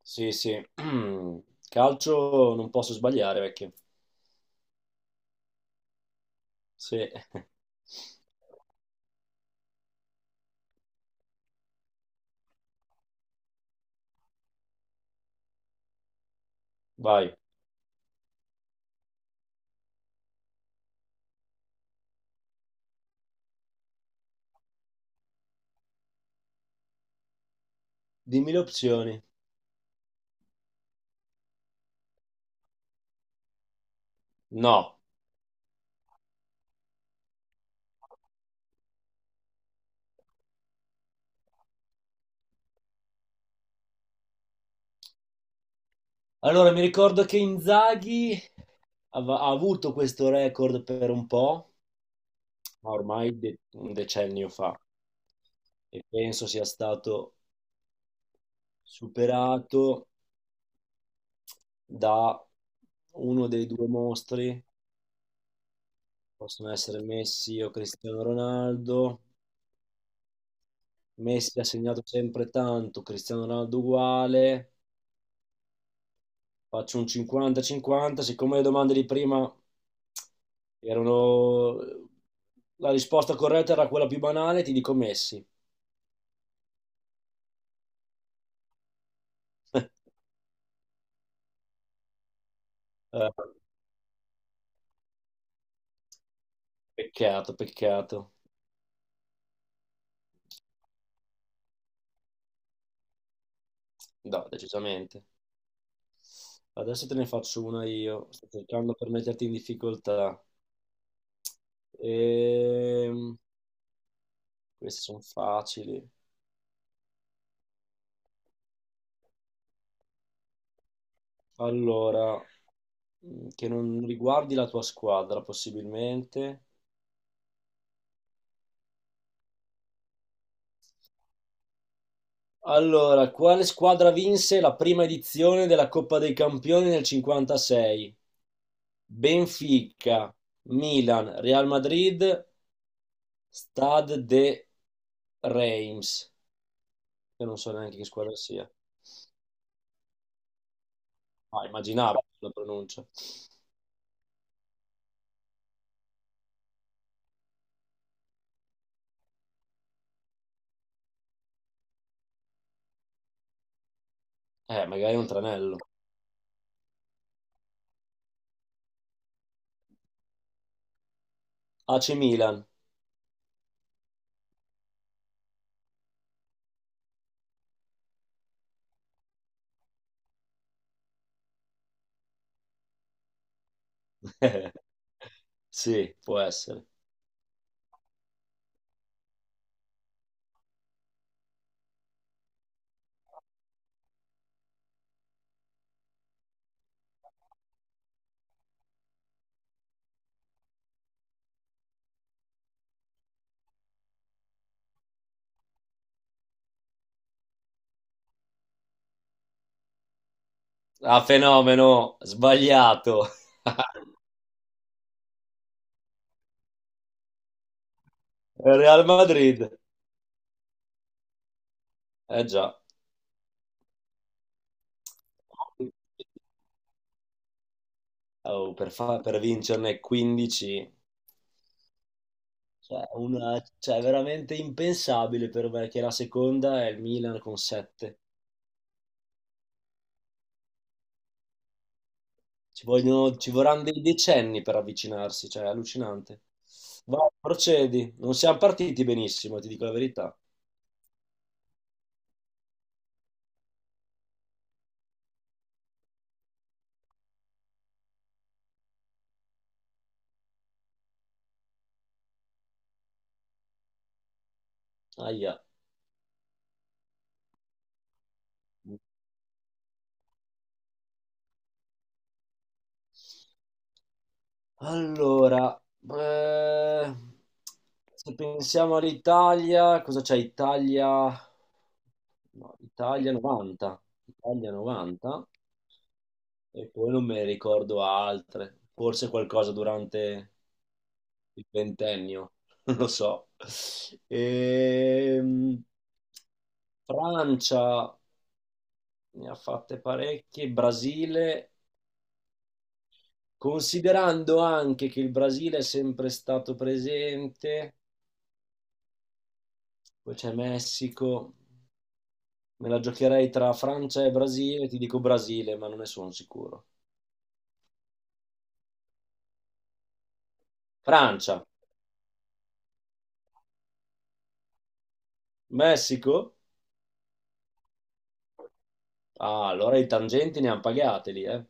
Sì, sì. Calcio non posso sbagliare, vecchio. Sì, vai. Dimmi le opzioni. No. Allora, mi ricordo che Inzaghi ha avuto questo record per un po', ma ormai un decennio fa, e penso sia stato superato da uno dei due mostri, possono essere Messi o Cristiano Ronaldo. Messi ha segnato sempre tanto, Cristiano Ronaldo uguale. Faccio un 50-50, siccome le domande di prima erano. La risposta corretta era quella più banale, ti dico Messi. Eh, peccato, peccato. No, decisamente. Adesso te ne faccio una io. Sto cercando per metterti in difficoltà. Ehm, queste sono facili. Allora, che non riguardi la tua squadra, possibilmente. Allora, quale squadra vinse la prima edizione della Coppa dei Campioni nel 56? Benfica, Milan, Real Madrid, Stade de Reims. Io non so neanche che squadra sia. Ah, immaginavo la pronuncia. Magari è un tranello. AC Milan. Sì, può essere. Ah, fenomeno, sbagliato. Real Madrid. Eh già. Oh, per vincerne 15, cioè, è veramente impensabile per me che la seconda è il Milan con 7. Ci vorranno dei decenni per avvicinarsi, cioè, è allucinante. Vai, procedi. Non siamo partiti benissimo, ti dico la verità. Aia. Allora, eh, se pensiamo all'Italia, cosa c'è? Italia, no, Italia 90, Italia 90. E poi non me ne ricordo altre, forse qualcosa durante il ventennio, non lo so. Ehm, Francia ne ha fatte parecchie, Brasile, considerando anche che il Brasile è sempre stato presente, poi c'è Messico, me la giocherei tra Francia e Brasile, ti dico Brasile, ma non ne sono sicuro. Francia, Messico? Ah, allora i tangenti ne hanno pagate lì, eh.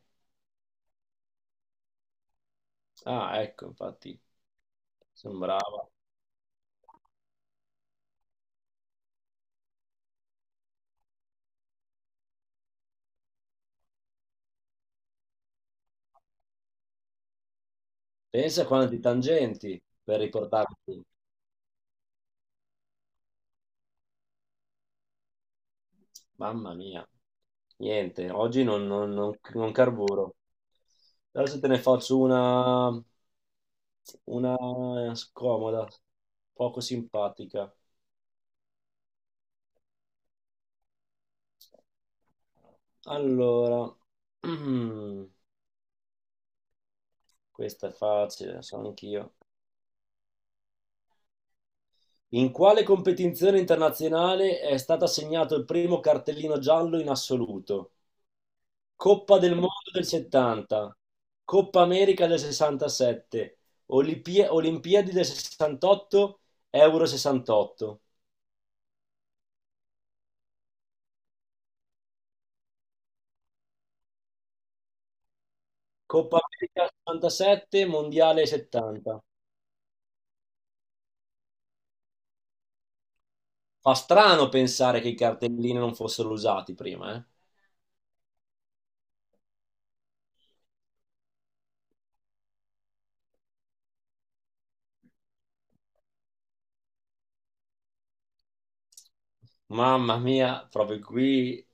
Ah, ecco, infatti. Sembrava. Pensa a quanti tangenti per riportarti. Mamma mia. Niente, oggi non carburo. Adesso te ne faccio una scomoda, poco simpatica. Allora, questa è facile, lo so anch'io. In quale competizione internazionale è stato assegnato il primo cartellino giallo in assoluto? Coppa del Mondo del 70, Coppa America del 67, Olimpiadi del 68, Euro 68, Coppa America 67, Mondiale 70. Fa strano pensare che i cartellini non fossero usati prima, eh? Mamma mia, proprio qui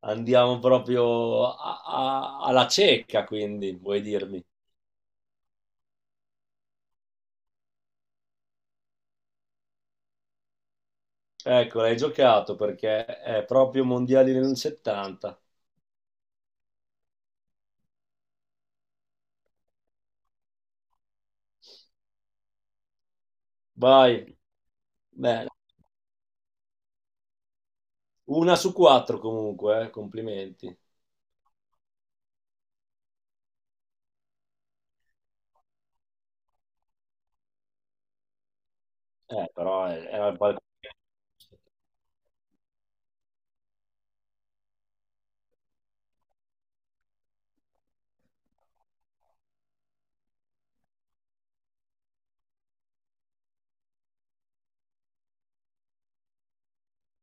andiamo proprio alla cieca, quindi, vuoi dirmi? Ecco, l'hai giocato perché è proprio Mondiali del 70. Vai, bene. Una su quattro comunque, complimenti. Però era il palco.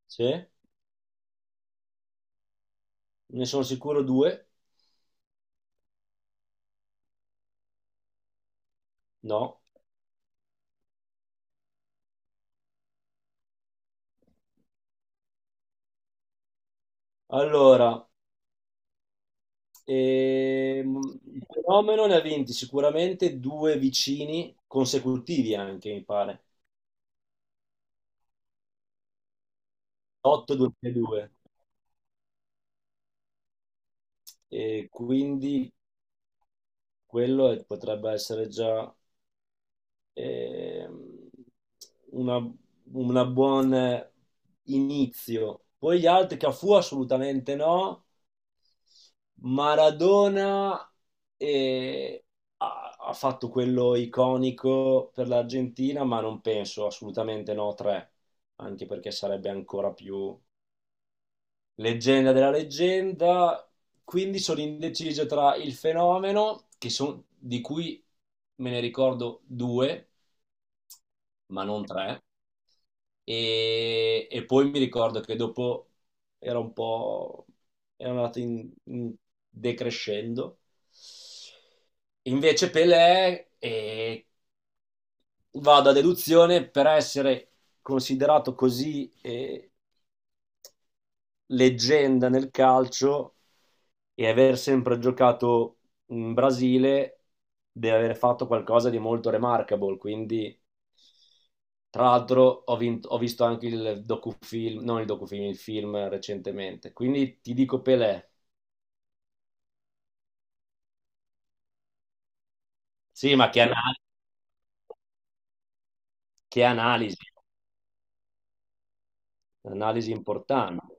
Sì, ne sono sicuro due. No. Allora, ehm, il fenomeno ne ha vinti sicuramente due vicini consecutivi anche, mi pare. 8-2002. E quindi quello potrebbe essere già ehm, una, una buon inizio. Poi gli altri, Cafu assolutamente no. Maradona eh, ha fatto quello iconico per l'Argentina, ma non penso assolutamente no, tre, anche perché sarebbe ancora più leggenda della leggenda. Quindi sono indeciso tra il fenomeno, che di cui me ne ricordo due, ma non tre, E poi mi ricordo che dopo era un po', era andato in decrescendo. Invece Pelé vado a deduzione per essere considerato così leggenda nel calcio e aver sempre giocato in Brasile deve aver fatto qualcosa di molto remarkable. Quindi, tra l'altro, ho visto anche il docufilm, non il docufilm, il film recentemente. Quindi ti dico Pelé. Sì, ma che analisi, analisi importante.